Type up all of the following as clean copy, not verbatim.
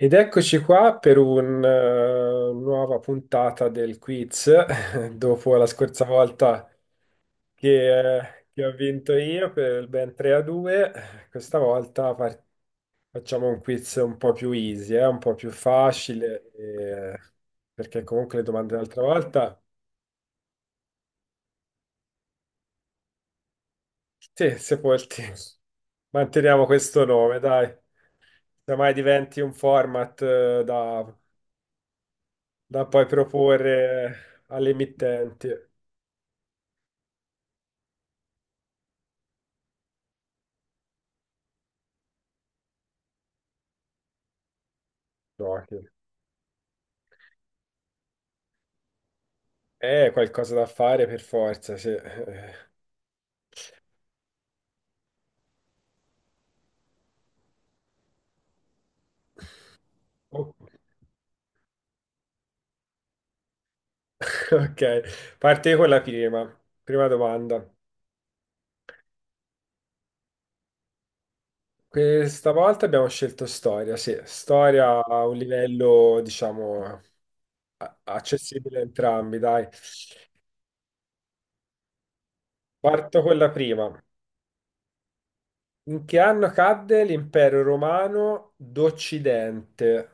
Ed eccoci qua per una nuova puntata del quiz, dopo la scorsa volta che ho vinto io per il ben 3 a 2. Questa volta facciamo un quiz un po' più easy, un po' più facile, perché comunque le domande dell'altra volta, sì, sepolti. Manteniamo questo nome, dai, se mai diventi un format da poi proporre alle emittenti. No. Qualcosa da fare per forza, sì. Oh, ok, parti con la prima. Prima domanda. Questa volta abbiamo scelto storia, sì. Storia a un livello, diciamo, accessibile a entrambi, dai. Parto con la prima. In che anno cadde l'impero romano d'Occidente?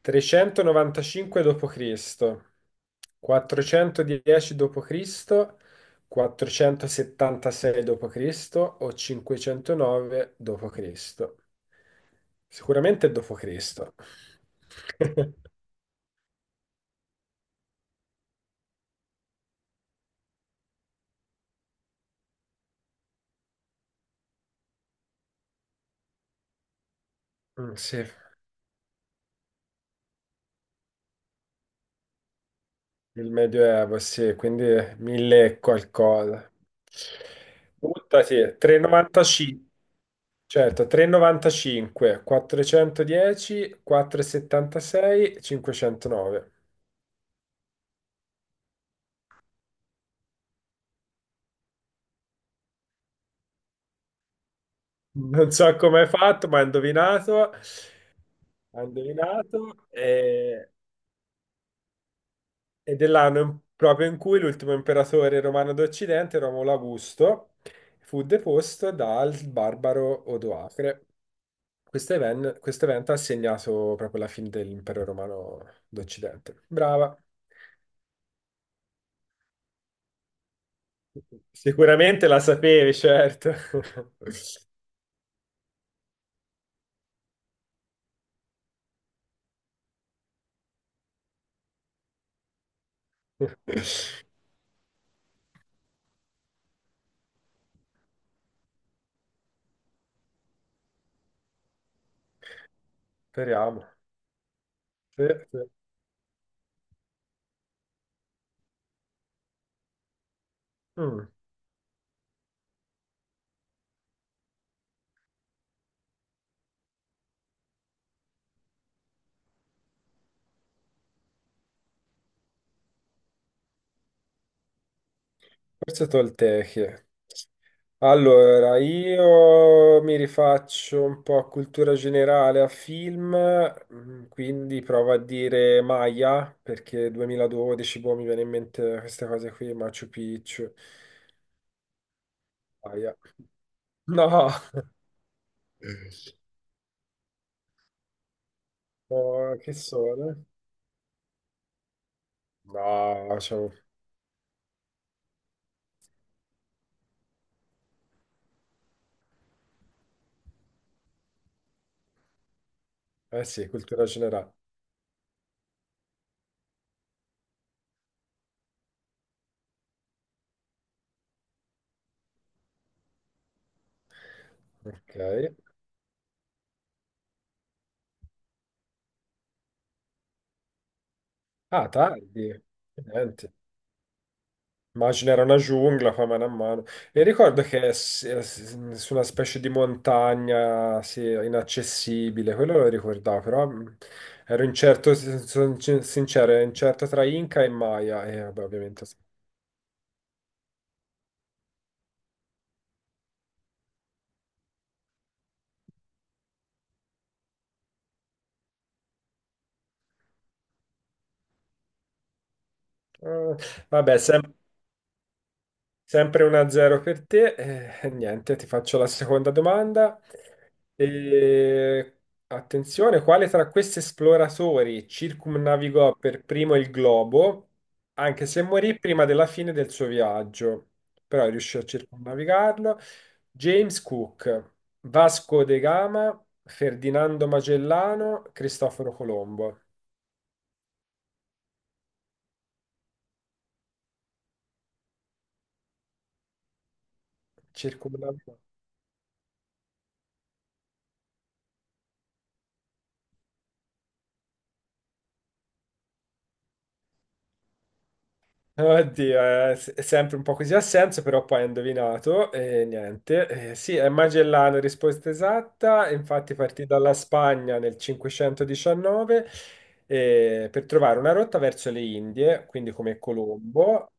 395 d.C., 410 d.C., 476 d.C. o 509 d.C.? Sicuramente d.C. Mm, sì, il Medioevo, sì, quindi mille e qualcosa. Buttati, 395. Certo, 3,95, 410, 476, 509. Non so come hai fatto, ma hai indovinato, ed è l'anno proprio in cui l'ultimo imperatore romano d'Occidente, Romolo Augusto, fu deposto dal barbaro Odoacre. Questo evento ha segnato proprio la fine dell'impero romano d'Occidente. Brava. Sicuramente la sapevi, certo. Speriamo. Sì, sì. Mm, Forse Tolteche. Allora, io mi rifaccio un po' a cultura generale, a film, quindi provo a dire Maya, perché 2012, boh, mi viene in mente queste cose qui, Machu Picchu, Maya. No. Oh, che sono? No, cioè, eh sì, cultura generale. Ok. Ah, tardi. Niente. Immagino era una giungla, poi mano a mano. E ricordo che su una specie di montagna, sì, inaccessibile, quello lo ricordavo, però ero incerto, sincero, ero incerto tra Inca e Maya, e vabbè, ovviamente, sì. Eh, vabbè, sempre 1-0 per te. Niente, ti faccio la seconda domanda. E, attenzione, quale tra questi esploratori circumnavigò per primo il globo, anche se morì prima della fine del suo viaggio, però riuscì a circumnavigarlo? James Cook, Vasco de Gama, Ferdinando Magellano, Cristoforo Colombo. Circumnavigò. Oddio, è sempre un po' così a senso, però poi hai indovinato e niente. Sì, è Magellano, risposta esatta. Infatti partì dalla Spagna nel 519 per trovare una rotta verso le Indie, quindi come Colombo.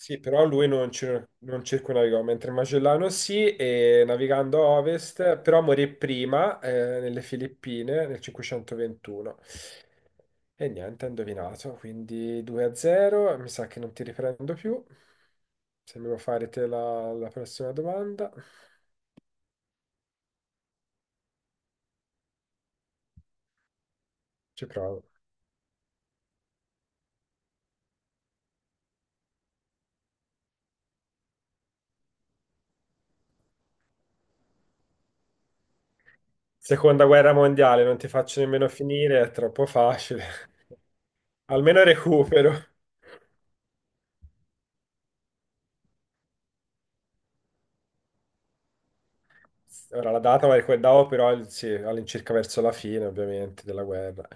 Sì, però lui non circumnavigò, mentre Magellano sì, e navigando a ovest, però morì prima nelle Filippine nel 521. E niente, ha indovinato, quindi 2 a 0, mi sa che non ti riprendo più. Se mi vuoi fare te la prossima domanda, ci provo. Seconda guerra mondiale, non ti faccio nemmeno finire, è troppo facile. Almeno recupero. Ora la data è quella, però sì, all'incirca verso la fine, ovviamente, della guerra.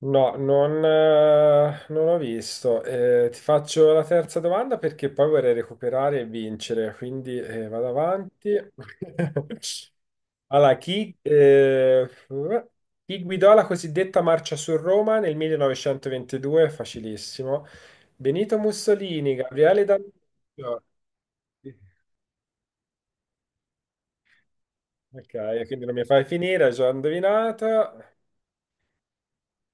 No, non ho visto. Ti faccio la terza domanda perché poi vorrei recuperare e vincere, quindi vado avanti. Allora, chi guidò la cosiddetta marcia su Roma nel 1922? Facilissimo. Benito Mussolini, Gabriele D'Annunzio. Ok, quindi non mi fai finire, già indovinata.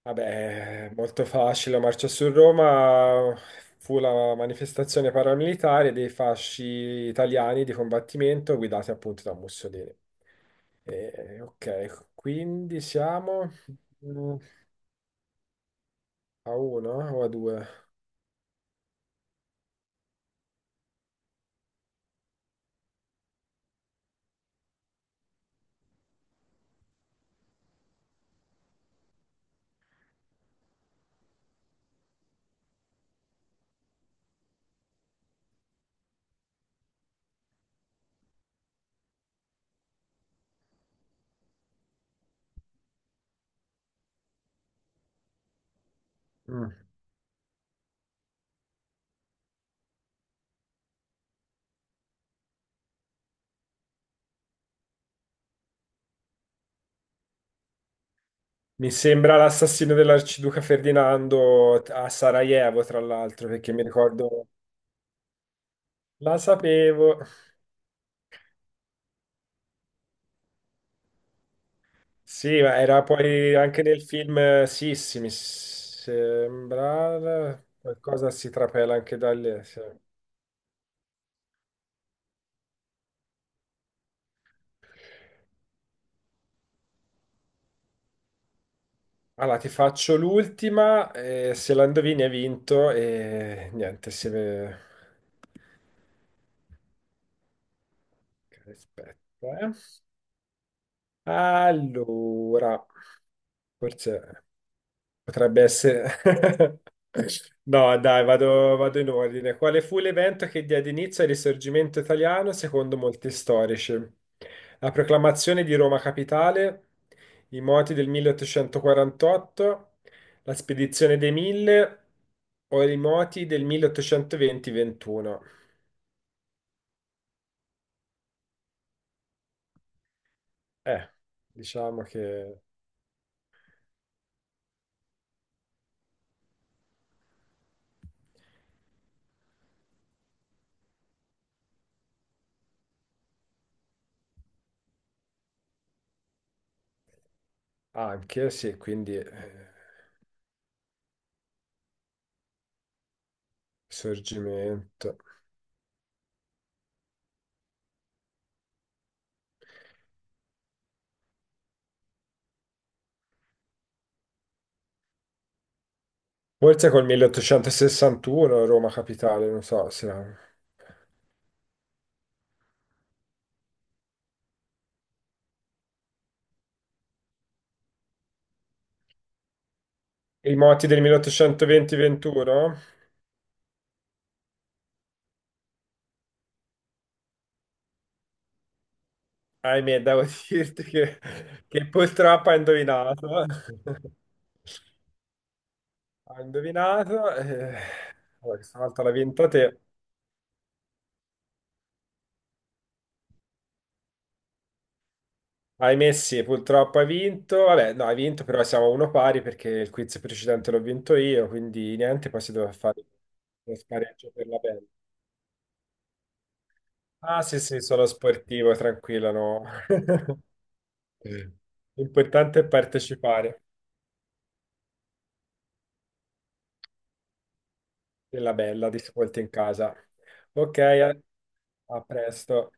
Vabbè, molto facile, la marcia su Roma fu la manifestazione paramilitare dei fasci italiani di combattimento guidati appunto da Mussolini. Ok, quindi siamo, mm, a uno o a due? Mm. Mi sembra l'assassino dell'arciduca Ferdinando a Sarajevo, tra l'altro, perché mi ricordo... La sapevo. Sì, ma era poi anche nel film Sissi, mi sembra qualcosa si trapela anche da lì, sì. Allora, ti faccio l'ultima, se la indovini hai vinto e niente, si vede. Aspetta, eh. Allora, forse. Potrebbe essere... No, dai, vado, vado in ordine. Quale fu l'evento che diede inizio al risorgimento italiano secondo molti storici? La proclamazione di Roma capitale, i moti del 1848, la spedizione dei Mille o i moti del 1820-21? Eh, diciamo che anche, sì, quindi risorgimento. Forse col 1861 Roma capitale, non so se... I moti del 1820-21? Ahimè, devo dirti che purtroppo ha indovinato. Ha indovinato. Allora, questa volta l'ha vinta te. Ahimè, sì, purtroppo ha vinto. Vabbè, no, ha vinto, però siamo a uno pari perché il quiz precedente l'ho vinto io, quindi niente, poi si doveva fare lo spareggio per la bella. Ah, sì, sì, sono sportivo, tranquillo, no. Eh, L'importante è partecipare, è la bella di Ascolti in casa. Ok, a presto.